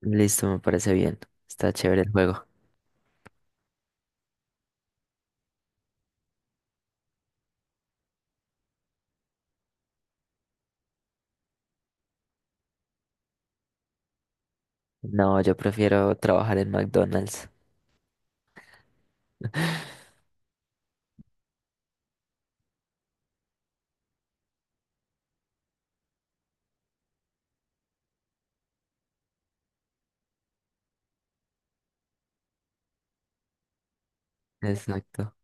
Listo, me parece bien. Está chévere el juego. No, yo prefiero trabajar en McDonald's. Exacto.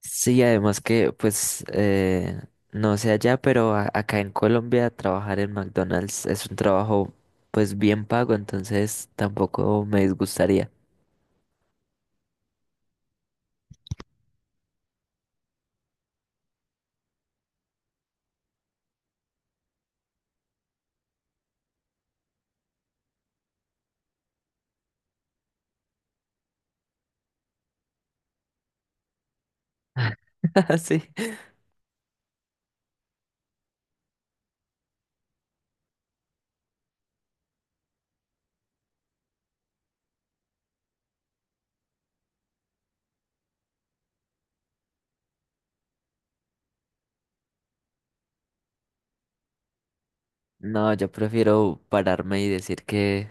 Sí, además que, pues, no sé allá, pero acá en Colombia trabajar en McDonald's es un trabajo, pues, bien pago, entonces tampoco me disgustaría. Sí. No, yo prefiero pararme y decir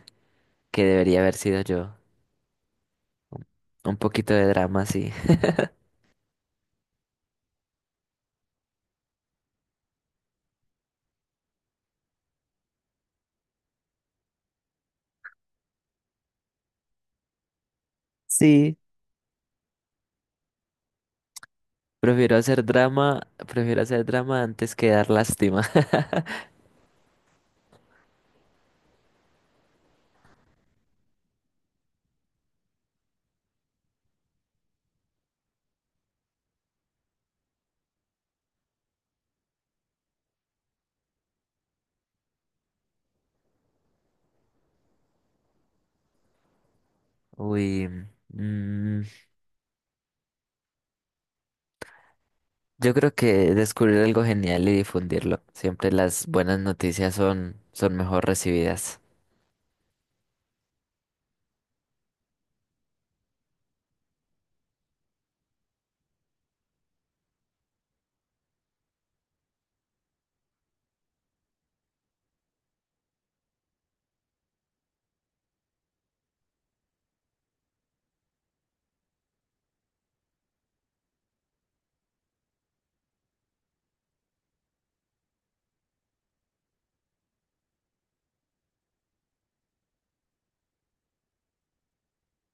que debería haber sido yo. Un poquito de drama, sí. Sí. Prefiero hacer drama antes que dar lástima. Uy, mm, yo creo que descubrir algo genial y difundirlo. Siempre las buenas noticias son, son mejor recibidas.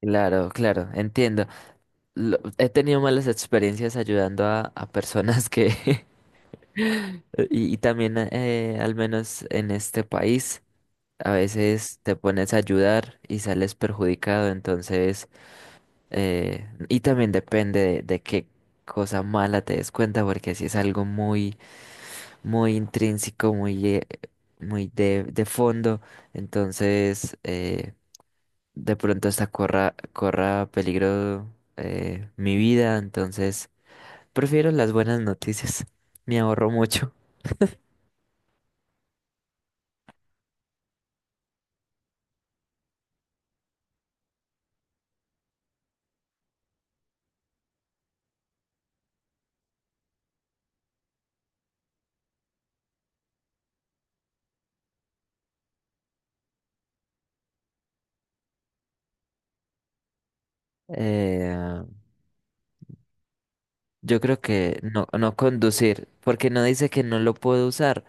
Claro, claro, entiendo. He tenido malas experiencias ayudando a personas que... Y, y también, al menos en este país, a veces te pones a ayudar y sales perjudicado. Entonces, y también depende de qué cosa mala te des cuenta, porque si es algo muy muy intrínseco, muy, muy de fondo. Entonces, de pronto hasta corra peligro mi vida. Entonces, prefiero las buenas noticias. Me ahorro mucho. Eh, yo creo que no conducir, porque no dice que no lo puedo usar.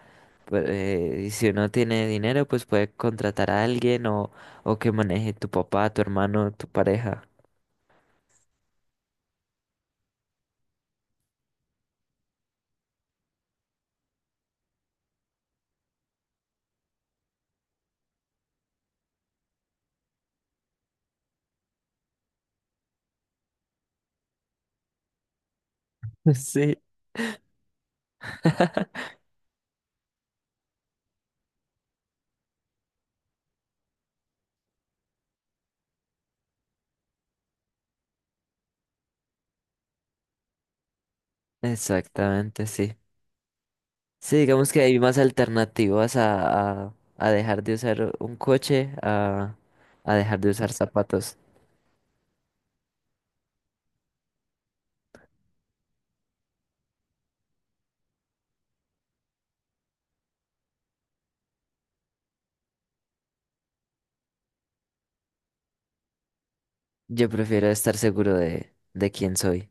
Pero, y si uno tiene dinero, pues puede contratar a alguien o que maneje tu papá, tu hermano, tu pareja. Sí. Exactamente, sí. Sí, digamos que hay más alternativas a dejar de usar un coche, a dejar de usar zapatos. Yo prefiero estar seguro de quién soy.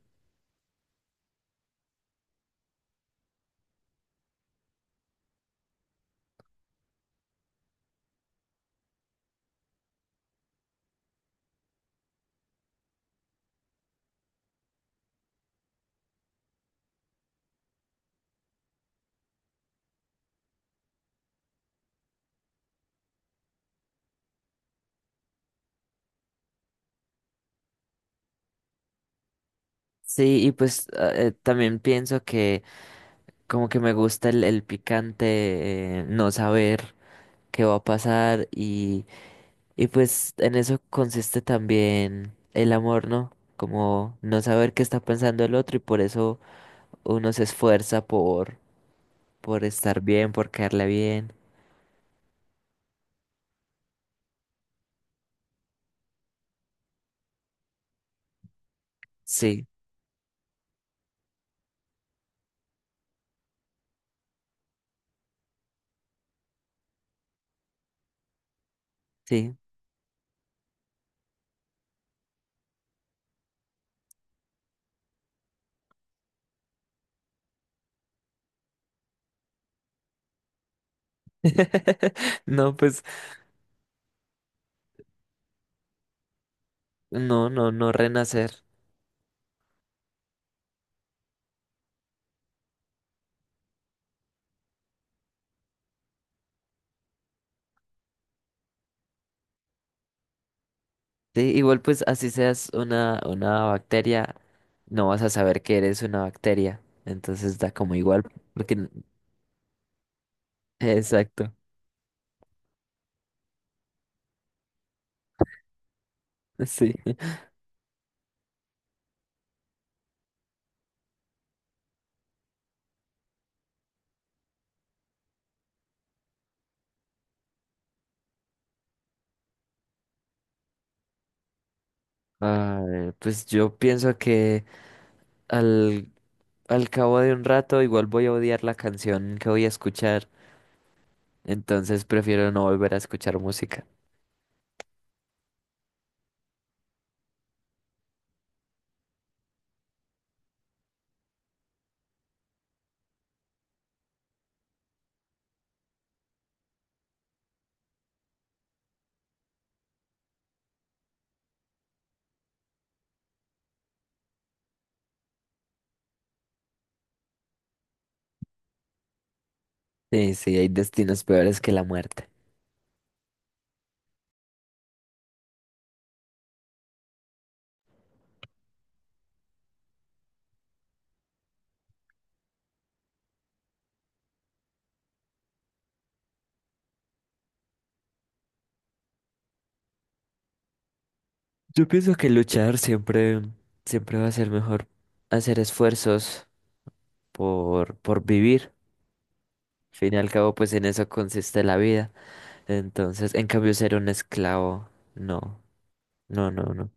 Sí, y pues ah, también pienso que como que me gusta el picante, no saber qué va a pasar y pues en eso consiste también el amor, ¿no? Como no saber qué está pensando el otro y por eso uno se esfuerza por estar bien, por caerle bien. Sí. Sí. No, pues, no, no, no renacer. Sí, igual pues así seas una bacteria, no vas a saber que eres una bacteria. Entonces da como igual, porque exacto. Sí. A ver, pues yo pienso que al, al cabo de un rato igual voy a odiar la canción que voy a escuchar. Entonces prefiero no volver a escuchar música. Sí, sí, hay destinos peores que la muerte. Yo pienso que luchar siempre, siempre va a ser mejor hacer esfuerzos por vivir. Al fin y al cabo, pues en eso consiste la vida. Entonces, en cambio, ser un esclavo, no, no, no, no.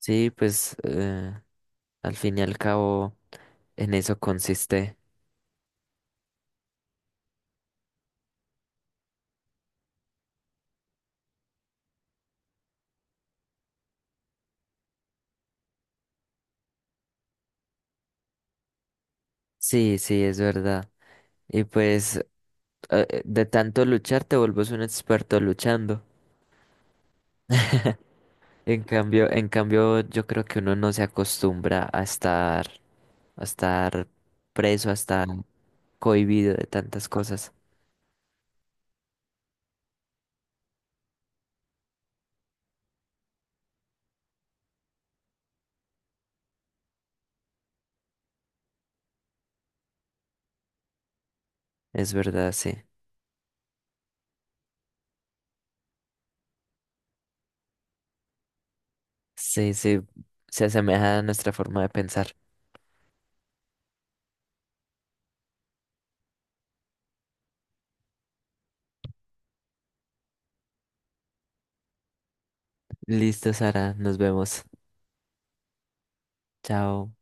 Sí, pues al fin y al cabo, en eso consiste. Sí, sí, es verdad. Y pues de tanto luchar te vuelves un experto luchando. En cambio, yo creo que uno no se acostumbra a estar preso, a estar cohibido de tantas cosas. Es verdad, sí. Sí, sí, se asemeja a nuestra forma de pensar. Listo, Sara, nos vemos. Chao.